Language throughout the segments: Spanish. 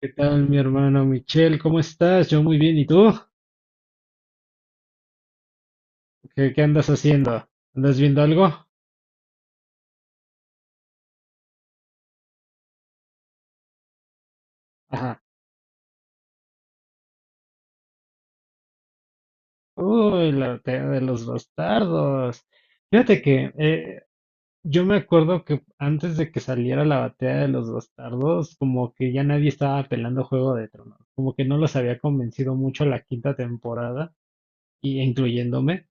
¿Qué tal, mi hermano Michelle? ¿Cómo estás? Yo muy bien. ¿Y tú? ¿Qué andas haciendo? ¿Andas viendo algo? Ajá. Uy, la batalla de los bastardos. Fíjate que yo me acuerdo que antes de que saliera la batalla de los bastardos, como que ya nadie estaba pelando Juego de Tronos. Como que no los había convencido mucho la quinta temporada. Y incluyéndome.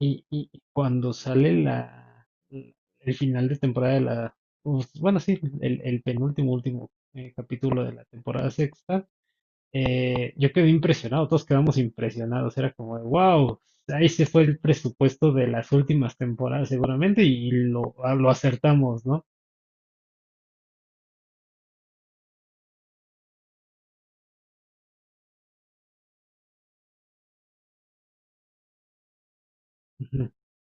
Y cuando sale el final de temporada de pues, bueno, sí, el penúltimo, último capítulo de la temporada sexta, yo quedé impresionado, todos quedamos impresionados, era como, wow, ahí se fue el presupuesto de las últimas temporadas seguramente y lo acertamos, ¿no?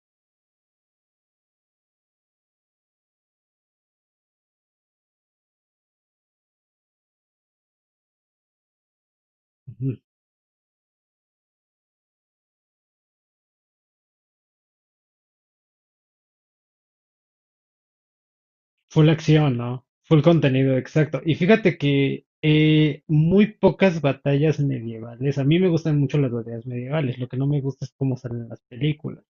Full acción, ¿no? Full contenido, exacto. Y fíjate que muy pocas batallas medievales. A mí me gustan mucho las batallas medievales. Lo que no me gusta es cómo salen las películas.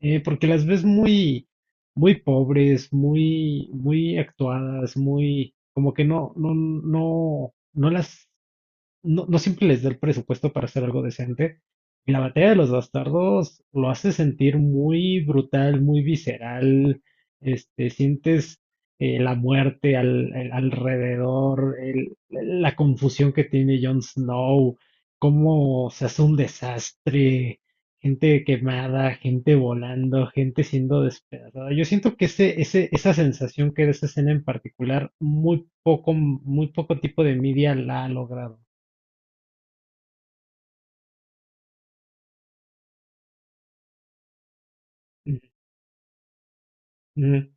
Porque las ves muy pobres, muy actuadas, muy, como que no las no siempre les da el presupuesto para hacer algo decente. Y la batalla de los bastardos lo hace sentir muy brutal, muy visceral. Este, sientes la muerte alrededor, la confusión que tiene Jon Snow, cómo se hace un desastre, gente quemada, gente volando, gente siendo despedazada. Yo siento que esa sensación que da esa escena en particular, muy poco tipo de media la ha logrado. Ujú, ujú.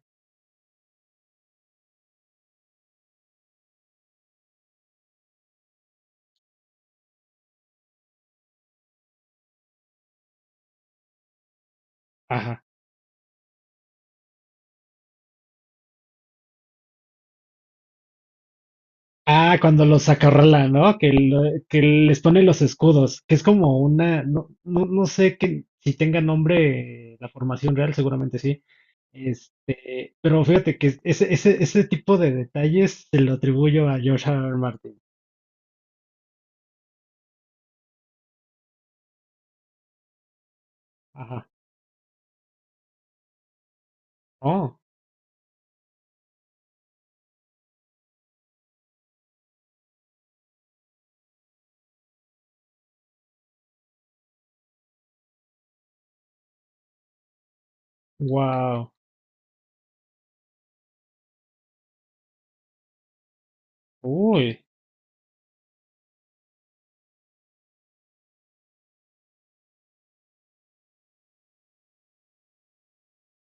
Ajá. Ah, cuando los acorrala, ¿no? Que les pone los escudos, que es como una, no sé que, si tenga nombre la formación real, seguramente sí. Este, pero fíjate que ese tipo de detalles se lo atribuyo a George R. R. Martin. Ajá. Oh, wow. Uy.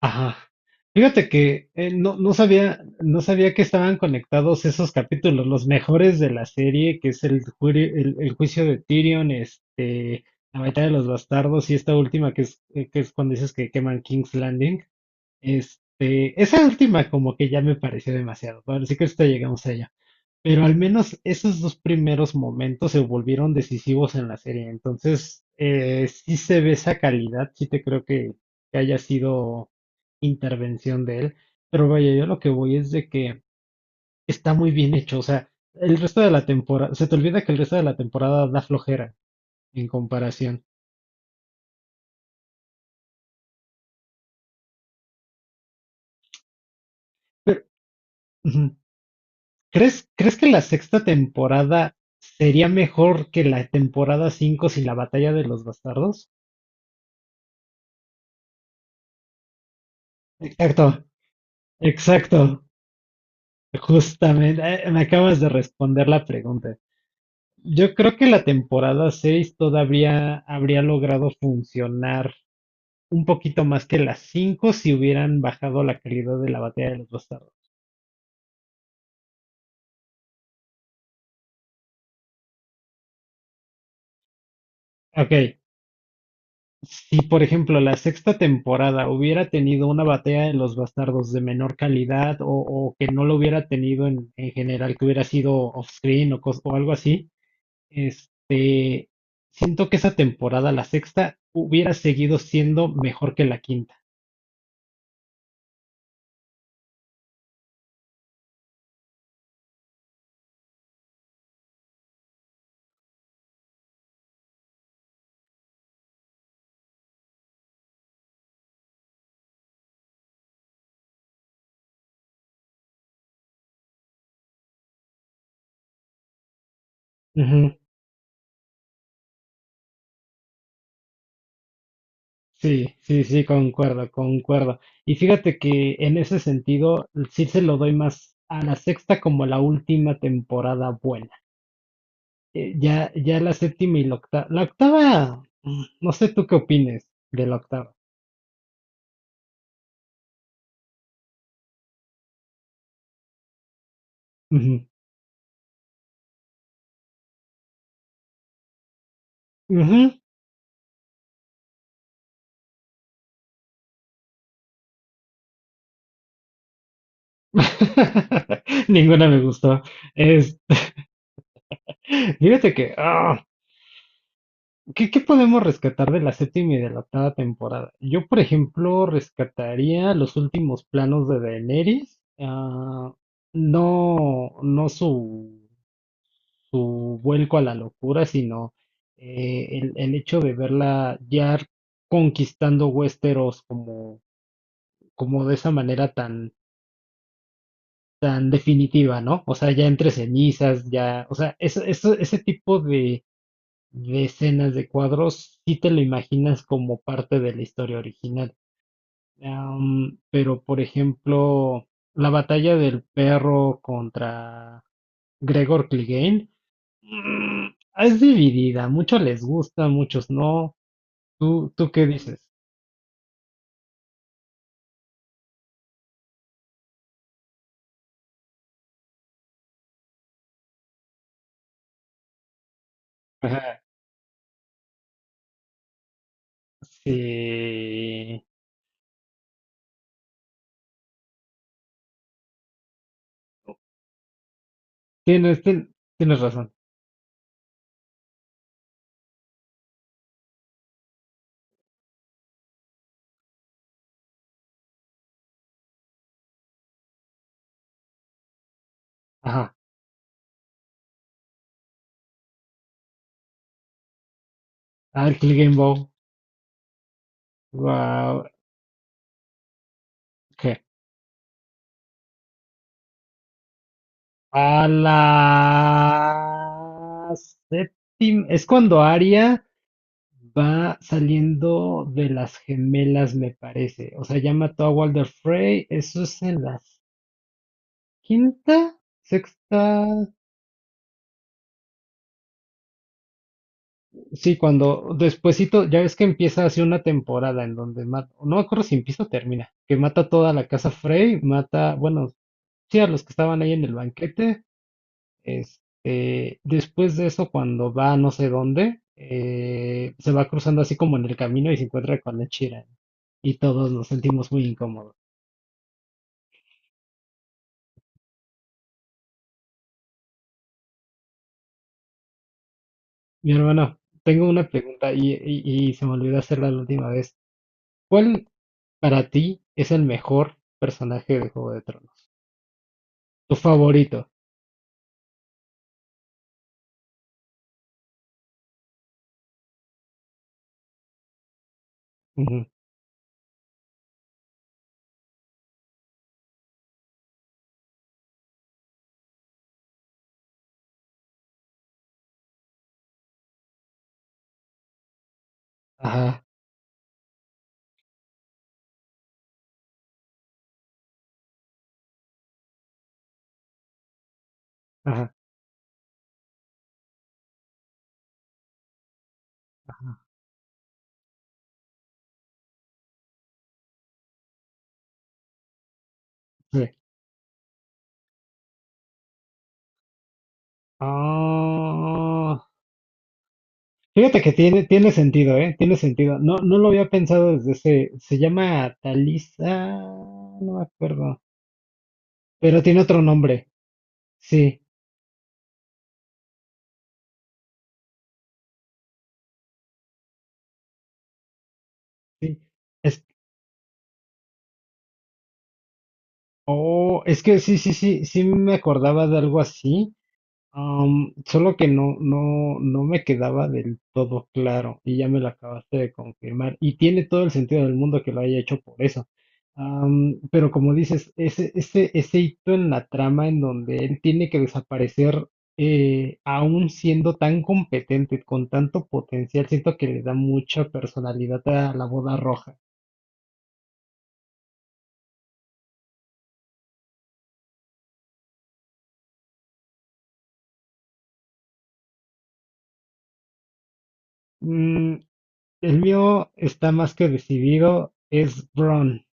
Ajá. Fíjate que no sabía, no sabía que estaban conectados esos capítulos, los mejores de la serie, que es el juicio de Tyrion, este, la batalla de los bastardos y esta última que es cuando dices que queman King's Landing. Este, esa última como que ya me pareció demasiado. Ahora sí que ahorita llegamos allá. Pero al menos esos dos primeros momentos se volvieron decisivos en la serie. Entonces, sí se ve esa calidad, sí te creo que haya sido intervención de él. Pero vaya, yo lo que voy es de que está muy bien hecho. O sea, el resto de la temporada, se te olvida que el resto de la temporada da flojera en comparación. Pero, ujú, ¿crees que la sexta temporada sería mejor que la temporada 5 sin la batalla de los bastardos? Exacto, exacto. Justamente, me acabas de responder la pregunta. Yo creo que la temporada 6 todavía habría logrado funcionar un poquito más que las 5 si hubieran bajado la calidad de la batalla de los bastardos. Ok, si por ejemplo la sexta temporada hubiera tenido una batalla de los bastardos de menor calidad o que no lo hubiera tenido en general, que hubiera sido off-screen o, cos- o algo así. Este, siento que esa temporada, la sexta, hubiera seguido siendo mejor que la quinta. Ujú. Sí, sí, sí, concuerdo, concuerdo. Y fíjate que en ese sentido, sí se lo doy más a la sexta como la última temporada buena. Ya la séptima y la octava. La octava, mm, no sé tú qué opines de la octava. Ujú. Ujú. Ninguna me gustó. Es, fíjate que, ah, ¿qué, qué podemos rescatar de la séptima y de la octava temporada? Yo, por ejemplo, rescataría los últimos planos de Daenerys. Ah, no, no su, su vuelco a la locura, sino el hecho de verla ya conquistando Westeros como, como de esa manera tan definitiva, ¿no? O sea, ya entre cenizas, ya, o sea, ese tipo de decenas de cuadros, sí te lo imaginas como parte de la historia original. Am, pero, por ejemplo, la batalla del perro contra Gregor Clegane, mm, es dividida. Muchos les gusta, muchos no. ¿Tú qué dices? Ajá, sí. Tienes razón. Ajá. Al Clegane Bow. Wow. ¿Qué? A la séptima. Es cuando Arya va saliendo de las gemelas, me parece. O sea, ya mató a Walder Frey. Eso es en la quinta, sexta. Sí, cuando despuesito, ya ves que empieza así una temporada en donde mata, no me acuerdo si empieza o termina, que mata toda la casa Frey, mata, bueno, sí, a los que estaban ahí en el banquete. Este, después de eso, cuando va a no sé dónde, se va cruzando así como en el camino y se encuentra con la Chira. Y todos nos sentimos muy incómodos. Mi hermano, tengo una pregunta y, se me olvidó hacerla la última vez. ¿Cuál para ti es el mejor personaje de Juego de Tronos? Tu favorito. Ujú. Ajá, ajá. Sí. Ah, fíjate que tiene sentido, ¿eh? Tiene sentido. No, no lo había pensado desde ese. Se llama Talisa. No me acuerdo. Pero tiene otro nombre. Sí, sí. Es, oh, es que sí, sí, sí, sí me acordaba de algo así. Am, solo que no me quedaba del todo claro y ya me lo acabaste de confirmar. Y tiene todo el sentido del mundo que lo haya hecho por eso. Am, pero como dices, ese hito en la trama en donde él tiene que desaparecer, aún siendo tan competente, con tanto potencial, siento que le da mucha personalidad a la boda roja. Mm, el mío está más que decidido, es Bron.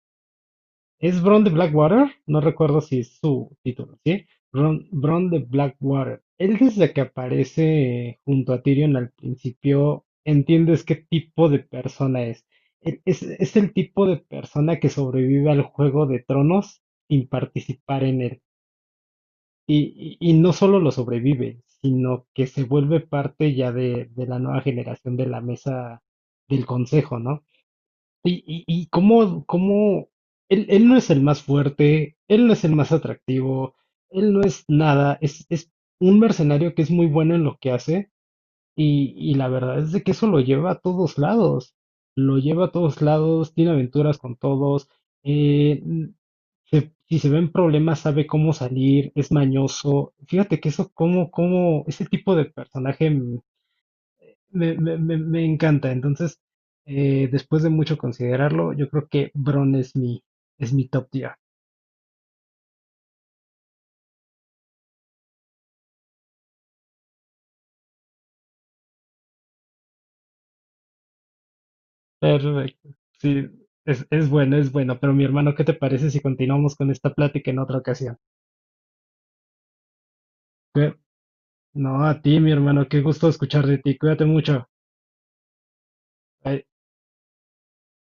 Es Bron de Blackwater, no recuerdo si es su título, ¿sí? Bron, Bron de Blackwater. Él desde que aparece junto a Tyrion al principio, entiendes qué tipo de persona es. Él es el tipo de persona que sobrevive al Juego de Tronos sin participar en él. Y no solo lo sobrevive, sino que se vuelve parte ya de la nueva generación de la mesa del consejo, ¿no? Y cómo, cómo él, él no es el más fuerte, él no es el más atractivo, él no es nada, es un mercenario que es muy bueno en lo que hace y la verdad es de que eso lo lleva a todos lados, lo lleva a todos lados, tiene aventuras con todos, eh, si se ven problemas sabe cómo salir, es mañoso. Fíjate que eso, cómo, cómo, ese tipo de personaje me encanta. Entonces, después de mucho considerarlo, yo creo que Bron es mi top tier. Perfecto. Sí, es bueno, es bueno. Pero mi hermano, ¿qué te parece si continuamos con esta plática en otra ocasión? Cu- No, a ti, mi hermano, qué gusto escuchar de ti. Cuídate mucho. Bye.